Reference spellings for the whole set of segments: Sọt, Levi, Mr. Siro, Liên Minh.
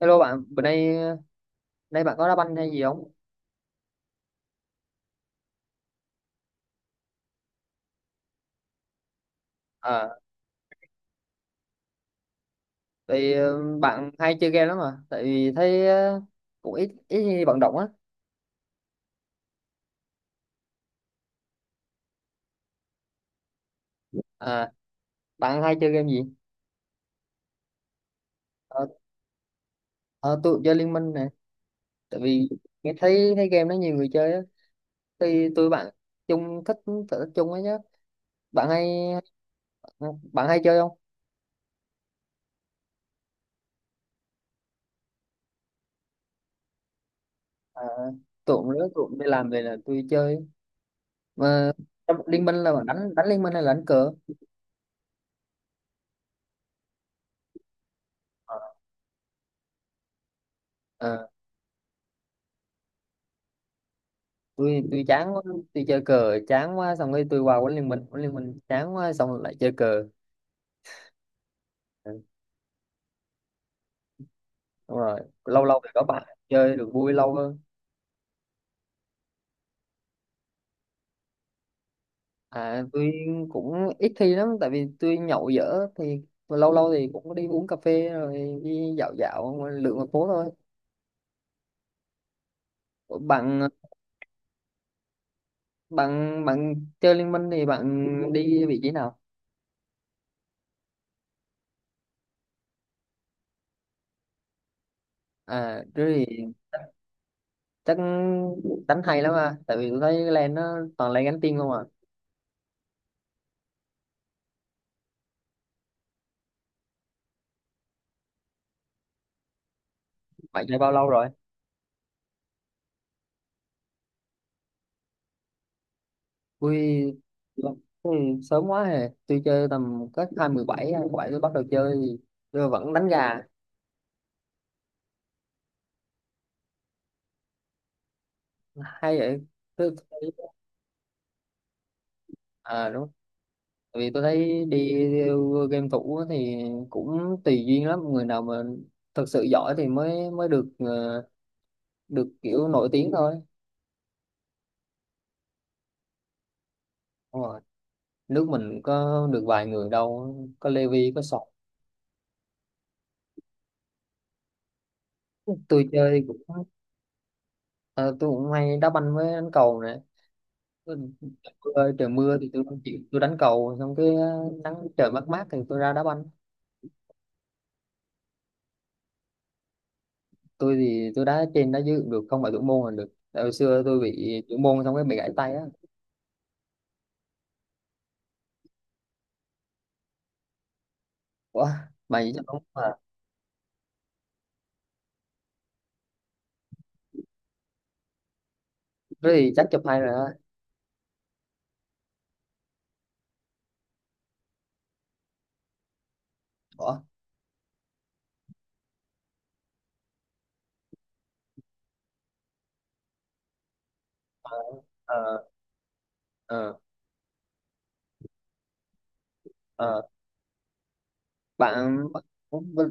Hello bạn, bữa nay nay bạn có đá banh hay gì không? À, thì bạn hay chơi game lắm mà, tại vì thấy cũng ít ít khi vận động á. À, bạn hay chơi game gì? Ờ, ờ, tôi cũng chơi Liên Minh nè, tại vì nghe thấy thấy game đó nhiều người chơi á, thì tôi bạn chung thích sở thích chung ấy nhá. Bạn hay ờ, bạn hay chơi không? À, tôi cũng đi làm về là tôi chơi. Mà trong Liên Minh là bạn đánh đánh Liên Minh hay là đánh cờ? Ờ, ờ. Tôi chán quá, tôi chơi cờ chán quá xong rồi tôi qua huấn Liên Minh, huấn Liên Minh chán quá xong rồi lại chơi cờ. Ừ, đúng rồi, lâu lâu thì có bạn chơi được vui lâu hơn. À, tôi cũng ít khi lắm tại vì tôi nhậu dở thì lâu lâu thì cũng có đi uống cà phê rồi đi dạo dạo lượn một phố thôi. Ủa, bạn bạn bạn chơi Liên Minh thì bạn đi vị trí nào? À thế thì chắc đánh hay lắm à, tại vì tôi thấy lan nó toàn lane gánh team không à. Bạn chơi bao lâu rồi? Ui, ừ, sớm quá hè. Tôi chơi tầm cách 217, 27 tôi bắt đầu chơi thì tôi vẫn đánh gà. Hay vậy. Tôi, tôi thấy- à đúng. Tại vì tôi thấy đi game thủ á thì cũng tùy duyên lắm. Người nào mà thật sự giỏi thì mới mới được kiểu nổi tiếng thôi. Đúng rồi. Nước mình có được vài người đâu. Có Levi, có Sọt. Tôi chơi cũng ờ, tôi cũng hay đá banh với đánh cầu nè. Mưa, trời trời mưa thì tôi không chịu, tôi đánh cầu xong cái nắng trời mát mát thì tôi ra đá banh. Tôi thì tôi đá trên đá dưới cũng được, không phải thủ môn là được, tại hồi xưa tôi bị thủ môn xong cái bị gãy tay á. Ủa, mày nghĩ chắc đúng mà. Thế thì chắc chụp hay rồi á. Ủa, ờ, ờ, ờ, ờ. bạn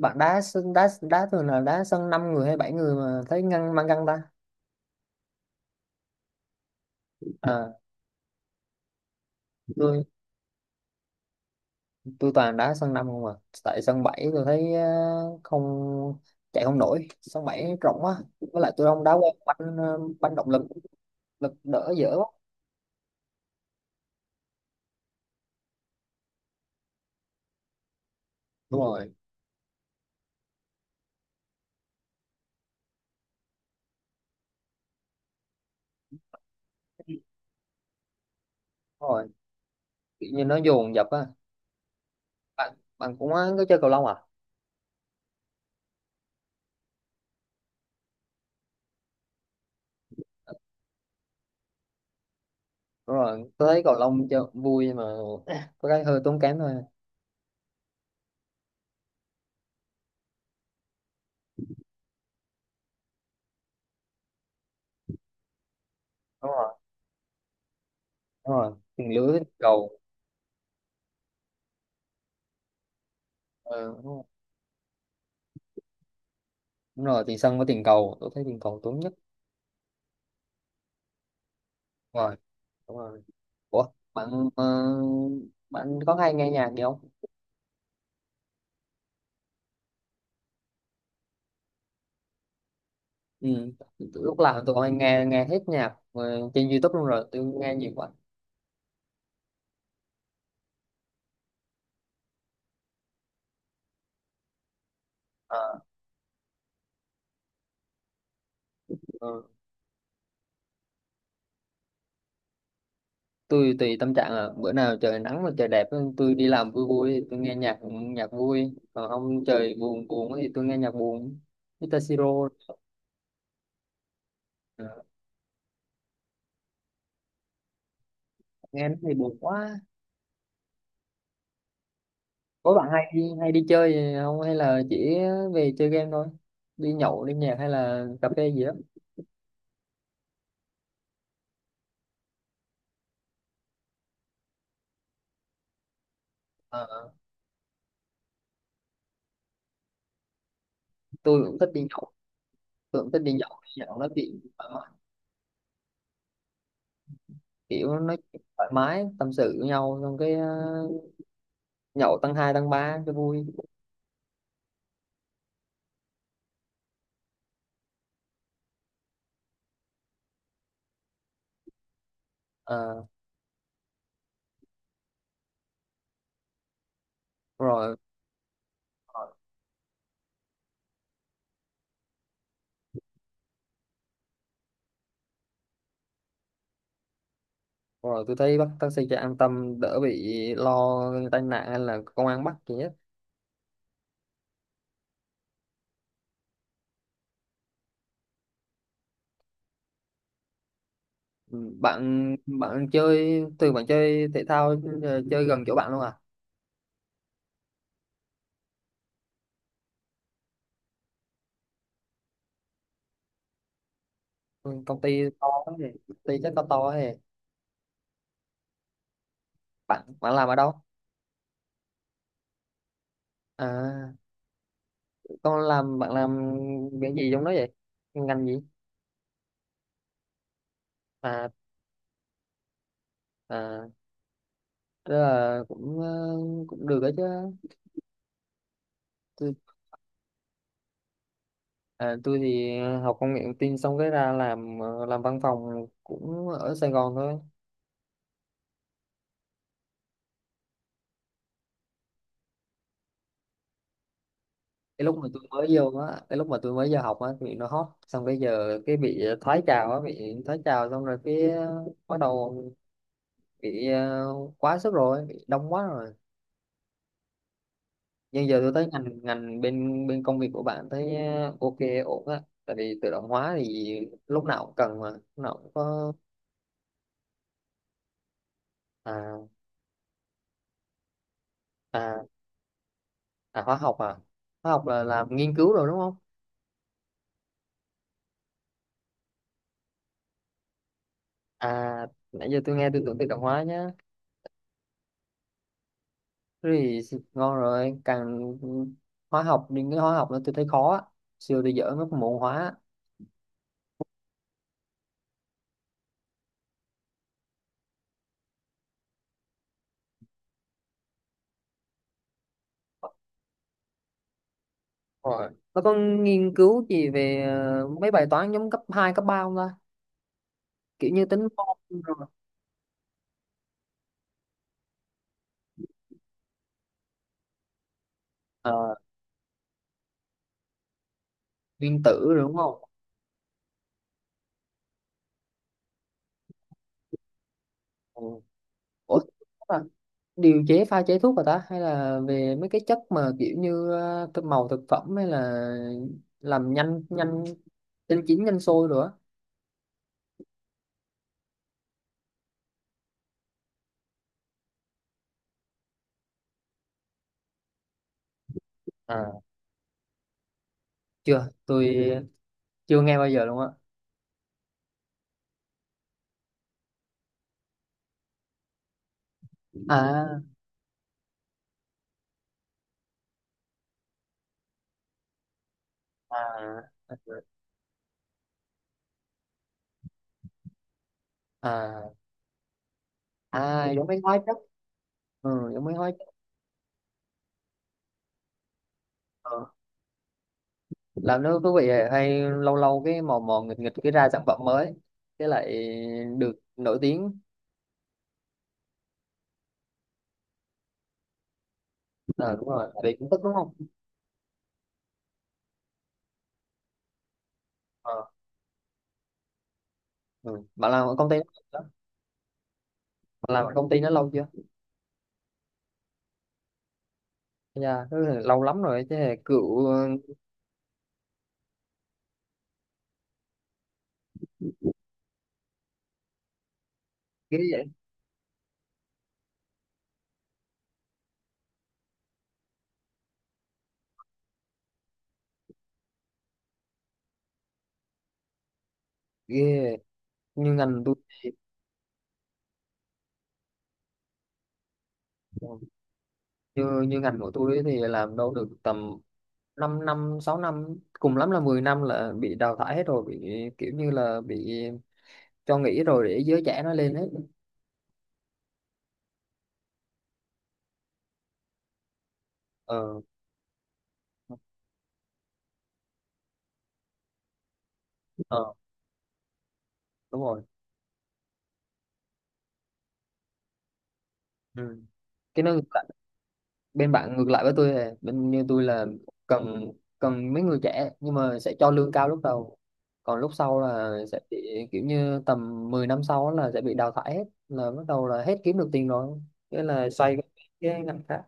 bạn đá sân đá đá thường là đá sân 5 người hay 7 người mà thấy ngăn mang găng ta? Ờ, tôi tôi toàn đá sân năm không à. Tại sân bảy tôi thấy không chạy không nổi, sân bảy rộng quá, với lại tôi không đá quen banh banh động lực, lực đỡ dở quá. Đúng rồi. Đúng rồi, kiểu như nó dồn dập á. Bạn bạn cũng có chơi cầu lông à? Đúng rồi, tôi thấy cầu lông chơi cũng vui nhưng mà có cái hơi tốn kém thôi. Đúng rồi, đúng rồi, tiền lưới với tiền cầu. Ờ, đúng rồi. Đúng rồi, tiền sân với tiền cầu, tôi thấy tiền cầu tốn nhất. Đúng rồi, đúng rồi. Ủa, bạn ờ, bạn có hay nghe nhạc gì không? Ừ. Lúc làm tụi con nghe nghe hết nhạc trên YouTube luôn rồi, tôi nghe nhiều quá. À, ừ. Tôi tùy tâm trạng là bữa nào trời nắng mà trời đẹp, tôi đi làm vui vui thì tôi nghe nhạc nhạc vui, còn không trời buồn buồn thì tôi nghe nhạc buồn, Mr. Siro. Ờ, nghe nó thì buồn quá. Có bạn hay đi chơi gì không hay là chỉ về chơi game thôi, đi nhậu đi nhạc hay là cà phê gì đó? Ờ, tôi cũng thích đi nhậu tôi cũng thích đi nhậu, nhậu nói chuyện, kiểu nói chuyện thoải mái tâm sự với nhau xong cái nhậu tăng hai tăng ba cho vui. Ờ, rồi rồi, tôi thấy bắt taxi cho an tâm, đỡ bị lo tai nạn hay là công an bắt gì hết. Ừ, bạn bạn chơi thường bạn chơi thể thao chơi gần chỗ bạn luôn à? Ừ, công ty to thế thì công ty chắc to to thế, bạn bạn làm ở đâu? À, con làm bạn làm cái gì trong đó vậy, ngành gì? À, à, tức là cũng được đấy chứ. À, tôi thì học công nghệ thông tin xong cái ra làm văn phòng cũng ở Sài Gòn thôi. Cái lúc mà tôi mới vô á, cái lúc mà tôi mới vô học á thì nó hot, xong bây giờ cái bị thoái trào á, bị thoái trào xong rồi cái bắt đầu bị quá sức rồi, bị đông quá rồi. Nhưng giờ tôi thấy ngành ngành bên bên công việc của bạn thấy ok ổn á, tại vì tự động hóa thì lúc nào cũng cần mà, lúc nào cũng có. À, à, à, hóa học à? Hóa học là làm nghiên cứu rồi đúng không? À, nãy giờ tôi nghe tôi tưởng tự động hóa nhá. Thế thì ngon rồi, càng hóa học, những cái hóa học nữa tôi thấy khó á. Xưa tôi dở mấy cái môn hóa. Rồi. Nó có nghiên cứu gì về mấy bài toán giống cấp 2 cấp 3 không ta? Kiểu như tính mol rồi. Ờ, nguyên tử rồi đúng không? Ừ. Ủa, à, điều chế pha chế thuốc rồi ta? Hay là về mấy cái chất mà kiểu như cái màu thực phẩm hay là làm nhanh nhanh nhanh chín nhanh sôi rồi á? À, chưa, tôi chưa nghe bao giờ luôn á. À, à, à, à, à giống mấy hóa chất. Ừ, giống mấy hóa chất. Ừ. Làm nước thú vị à, hay lâu lâu cái mò mò nghịch nghịch cái ra sản phẩm mới cái lại được nổi tiếng. Ờ đúng rồi, vì cũng tức đúng không? Ờ, ừ. Bạn làm ở công ty đó. Bạn làm ở công ty nó lâu chưa? Dạ thế là lâu lắm rồi chứ, là cựu ghê vậy, ghê như ngành tôi thì- như như ngành của tôi ấy thì làm đâu được tầm 5 năm 6 năm, cùng lắm là 10 năm là bị đào thải hết rồi, bị kiểu như là bị cho nghỉ rồi để giới trẻ nó lên hết. Ờ, ờ, đúng rồi, ừ. Cái nó ngược lại, bên bạn ngược lại với tôi này, bên như tôi là cần cần mấy người trẻ nhưng mà sẽ cho lương cao lúc đầu. Còn lúc sau là sẽ bị kiểu như tầm 10 năm sau là sẽ bị đào thải hết, là bắt đầu là hết kiếm được tiền rồi. Thế là xoay cái ngành khác,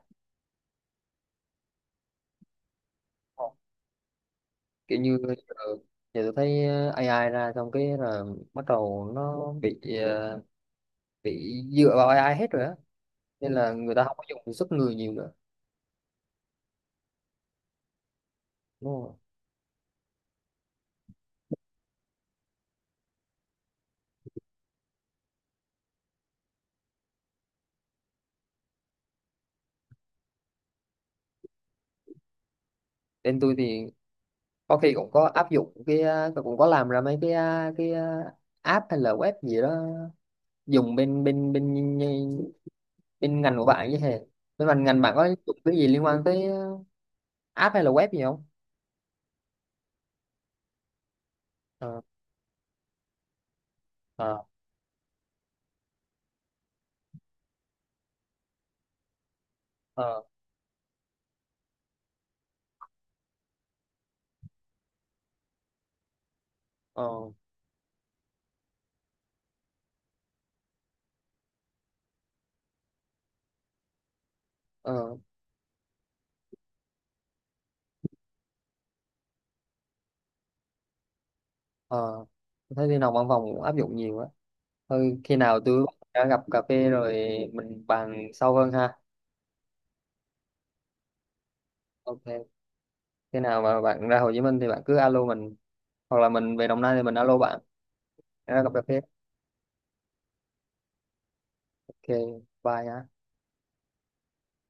kiểu như giờ tôi thấy AI ra xong cái là bắt đầu nó bị dựa vào AI hết rồi á. Nên là người ta không có dùng sức người nhiều nữa, đúng không? Bên tôi thì có khi cũng có áp dụng cũng có làm ra mấy app hay là web gì đó, dùng bên bên bên bên ngành của bạn chứ hề, bên ngành ngành bạn có dùng cái gì liên quan tới app hay là web gì không? Ờ, ờ, ờ, ờ, ờ, ờ. Tôi thấy đi nào văn phòng cũng áp dụng nhiều á. Thôi khi nào tôi đã gặp cà phê rồi mình bàn sâu hơn ha. Ok. Khi nào mà bạn ra Hồ Chí Minh thì bạn cứ alo mình. Hoặc là mình về Đồng Nai thì mình alo bạn. Ra gặp cà phê. Ok. Bye ha.